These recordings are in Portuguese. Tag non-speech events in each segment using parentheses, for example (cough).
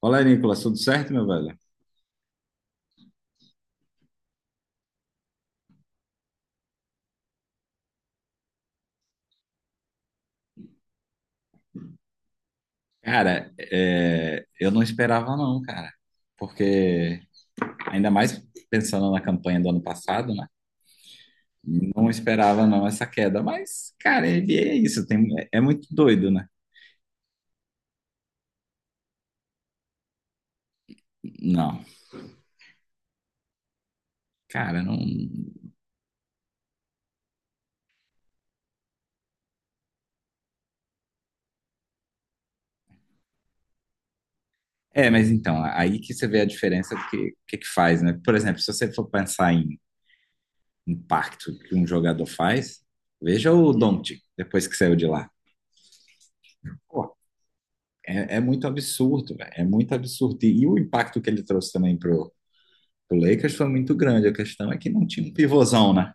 Olá, Nicolas, tudo certo, meu velho? Cara, é, eu não esperava não, cara, porque ainda mais pensando na campanha do ano passado, né? Não esperava não essa queda, mas, cara, NBA é isso, tem, é muito doido, né? Não, cara, não. É, mas então, aí que você vê a diferença do que, que faz, né? Por exemplo, se você for pensar em impacto que um jogador faz, veja o Doncic, depois que saiu de lá. Pô, é, é muito absurdo, velho. É muito absurdo. E o impacto que ele trouxe também pro, pro Lakers foi muito grande. A questão é que não tinha um pivôzão, né?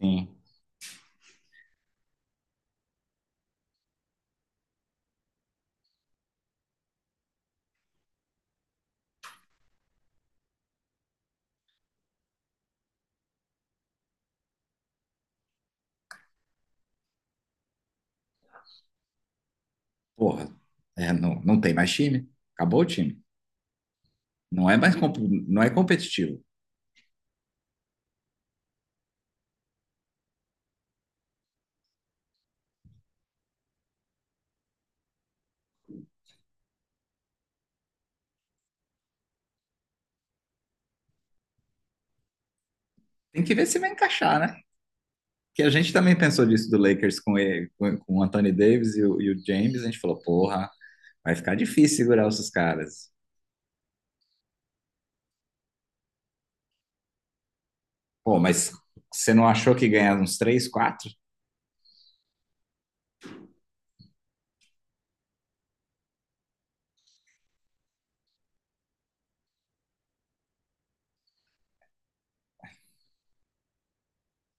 Sim. Porra, é, não, não tem mais time. Acabou o time. Não é mais comp- não é competitivo. Tem que ver se vai encaixar, né? Que a gente também pensou disso do Lakers com, ele, com o Anthony Davis e o James. A gente falou, porra, vai ficar difícil segurar esses caras. Pô, mas você não achou que ganhar uns três, quatro?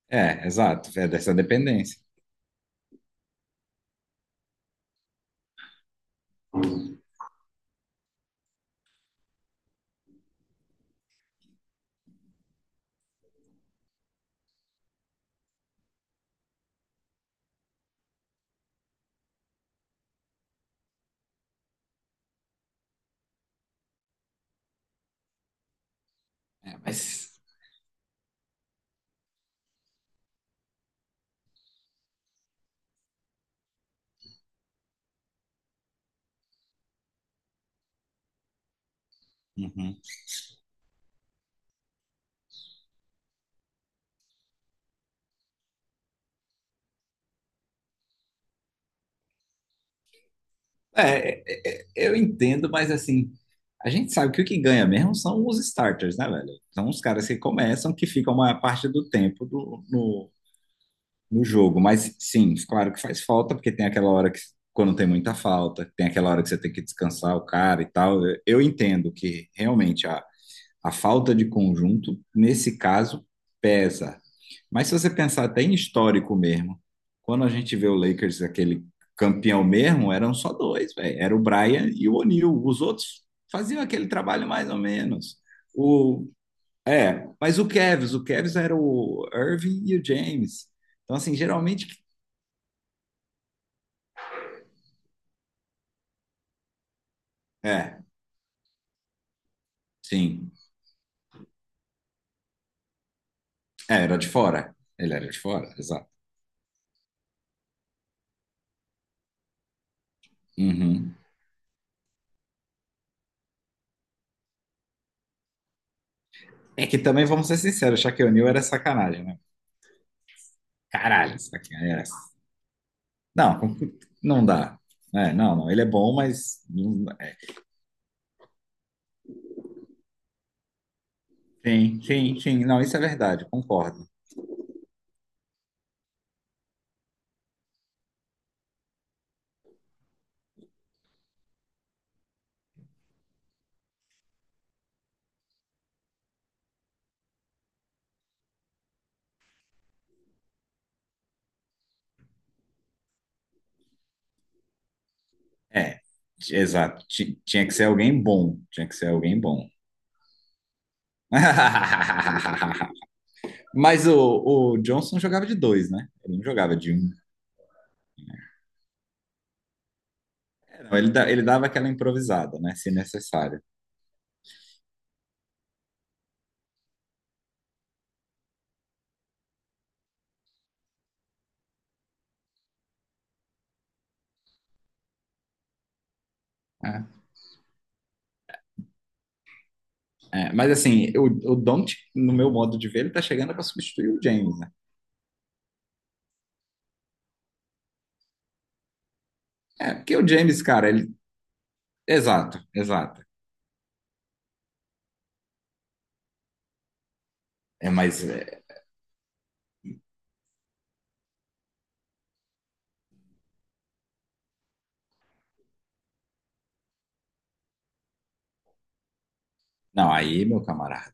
É, exato. É dessa dependência. É, mas. Uhum. É, é, eu entendo, mas assim, a gente sabe que o que ganha mesmo são os starters, né, velho? São os caras que começam, que ficam a maior parte do tempo no, no jogo. Mas sim, claro que faz falta, porque tem aquela hora que, quando tem muita falta, tem aquela hora que você tem que descansar o cara e tal. Eu entendo que realmente a falta de conjunto, nesse caso, pesa. Mas se você pensar até em histórico mesmo, quando a gente vê o Lakers, aquele campeão mesmo, eram só dois, velho. Era o Bryant e o O'Neal. Os outros faziam aquele trabalho mais ou menos. O, é, mas o Cavs era o Irving e o James. Então, assim, geralmente... É, sim. É, era de fora. Ele era de fora, exato. Uhum. É que também, vamos ser sinceros, Shaquille O'Neal era sacanagem, né? Caralho, sacanagem. Não, não dá. É, não, não, ele é bom, mas sim, sim, sim. Não, isso é verdade, concordo. É, exato. Tinha que ser alguém bom. Tinha que ser alguém bom. (laughs) Mas o Johnson jogava de dois, né? Ele não jogava de um. Não, ele, ele dava aquela improvisada, né? Se necessário. É, é. Mas assim, o Doncic, no meu modo de ver, ele tá chegando para substituir o James, né? É, porque o James, cara, ele. Exato, exato. É, mas, é, não, aí, meu camarada.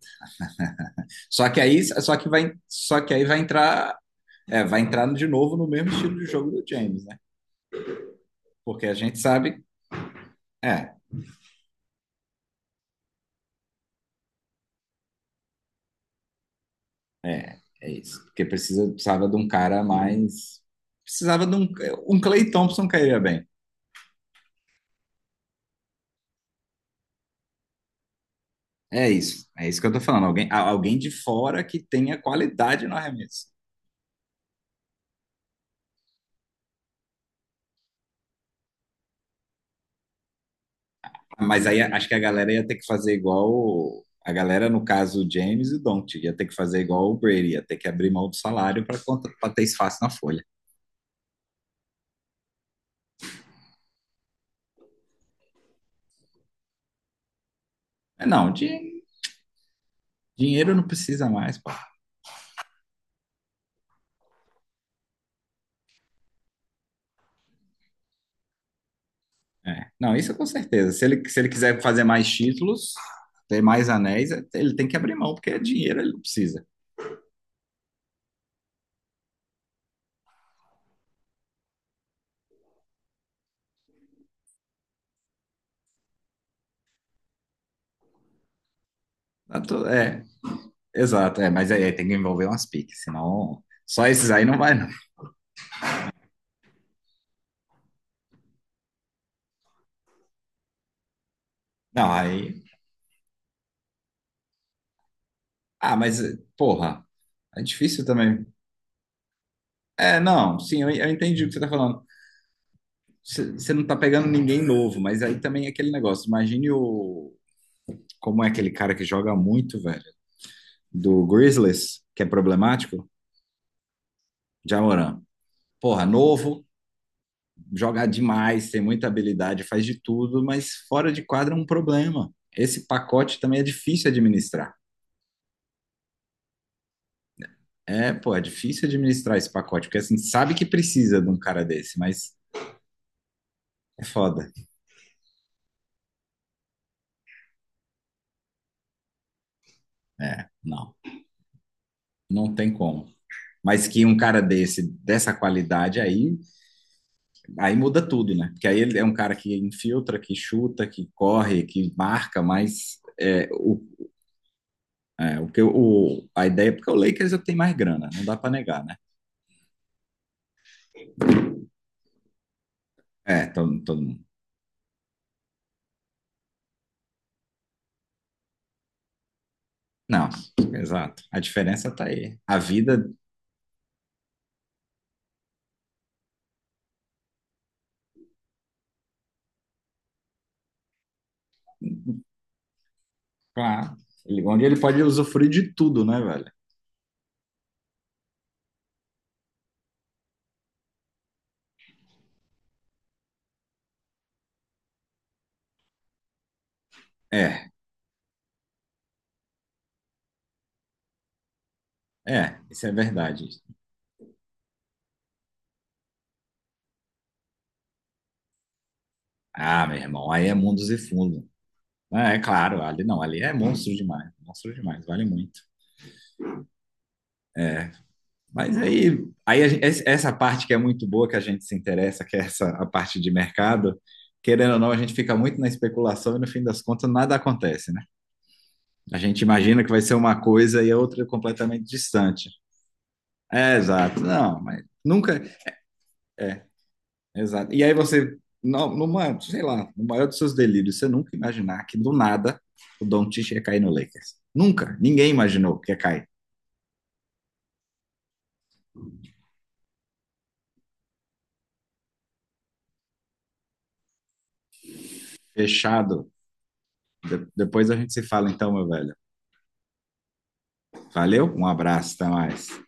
Só que aí, só que vai, só que aí vai entrar é, vai entrar de novo no mesmo estilo de jogo do James, né? Porque a gente sabe, é, é, é isso. Porque precisa, precisava de um cara mais. Precisava de um. Um Clay Thompson cairia bem. É isso que eu tô falando. Alguém, alguém de fora que tenha qualidade no arremesso. Mas aí acho que a galera ia ter que fazer igual. A galera, no caso, o James e o Doncic, ia ter que fazer igual o Brady, ia ter que abrir mão do salário para ter espaço na folha. Mas Não, din- Dinheiro não precisa mais, pô. É. Não, isso com certeza. Se ele, se ele quiser fazer mais títulos, ter mais anéis, ele tem que abrir mão, porque é dinheiro, ele não precisa. É, exato, é, mas aí tem que envolver umas piques, senão só esses aí não vai, não. Não, aí. Ah, mas, porra, é difícil também. É, não, sim, eu entendi o que você tá falando. Você não tá pegando ninguém novo, mas aí também é aquele negócio. Imagine o. Como é aquele cara que joga muito, velho, do Grizzlies, que é problemático? Jamoran. Porra, novo, joga demais, tem muita habilidade, faz de tudo, mas fora de quadra é um problema. Esse pacote também é difícil administrar. É, pô, é difícil administrar esse pacote, porque assim, sabe que precisa de um cara desse, mas é foda. É, não, não tem como. Mas que um cara desse, dessa qualidade aí, aí muda tudo, né? Porque aí ele é um cara que infiltra, que chuta, que corre, que marca, mas é, o, é, o o, a ideia, porque o Lakers eu tenho mais grana, não dá pra negar, né? É, todo, todo mundo. Não, exato. A diferença tá aí. A vida, pá, onde ele pode usufruir de tudo, né, velho? É, é, isso é verdade. Ah, meu irmão, aí é mundos e fundo. Ah, é, claro, ali não, ali é monstro demais, vale muito. Mas aí, aí a essa parte que é muito boa, que a gente se interessa, que é essa a parte de mercado, querendo ou não, a gente fica muito na especulação e no fim das contas nada acontece, né? A gente imagina que vai ser uma coisa e a outra é completamente distante. É, exato. Não, mas nunca, exato. E aí você, numa, sei lá, no maior dos seus delírios, você nunca imaginar que do nada o Doncic ia cair no Lakers. Nunca. Ninguém imaginou que ia cair. Fechado. Depois a gente se fala então, meu velho. Valeu, um abraço, até mais.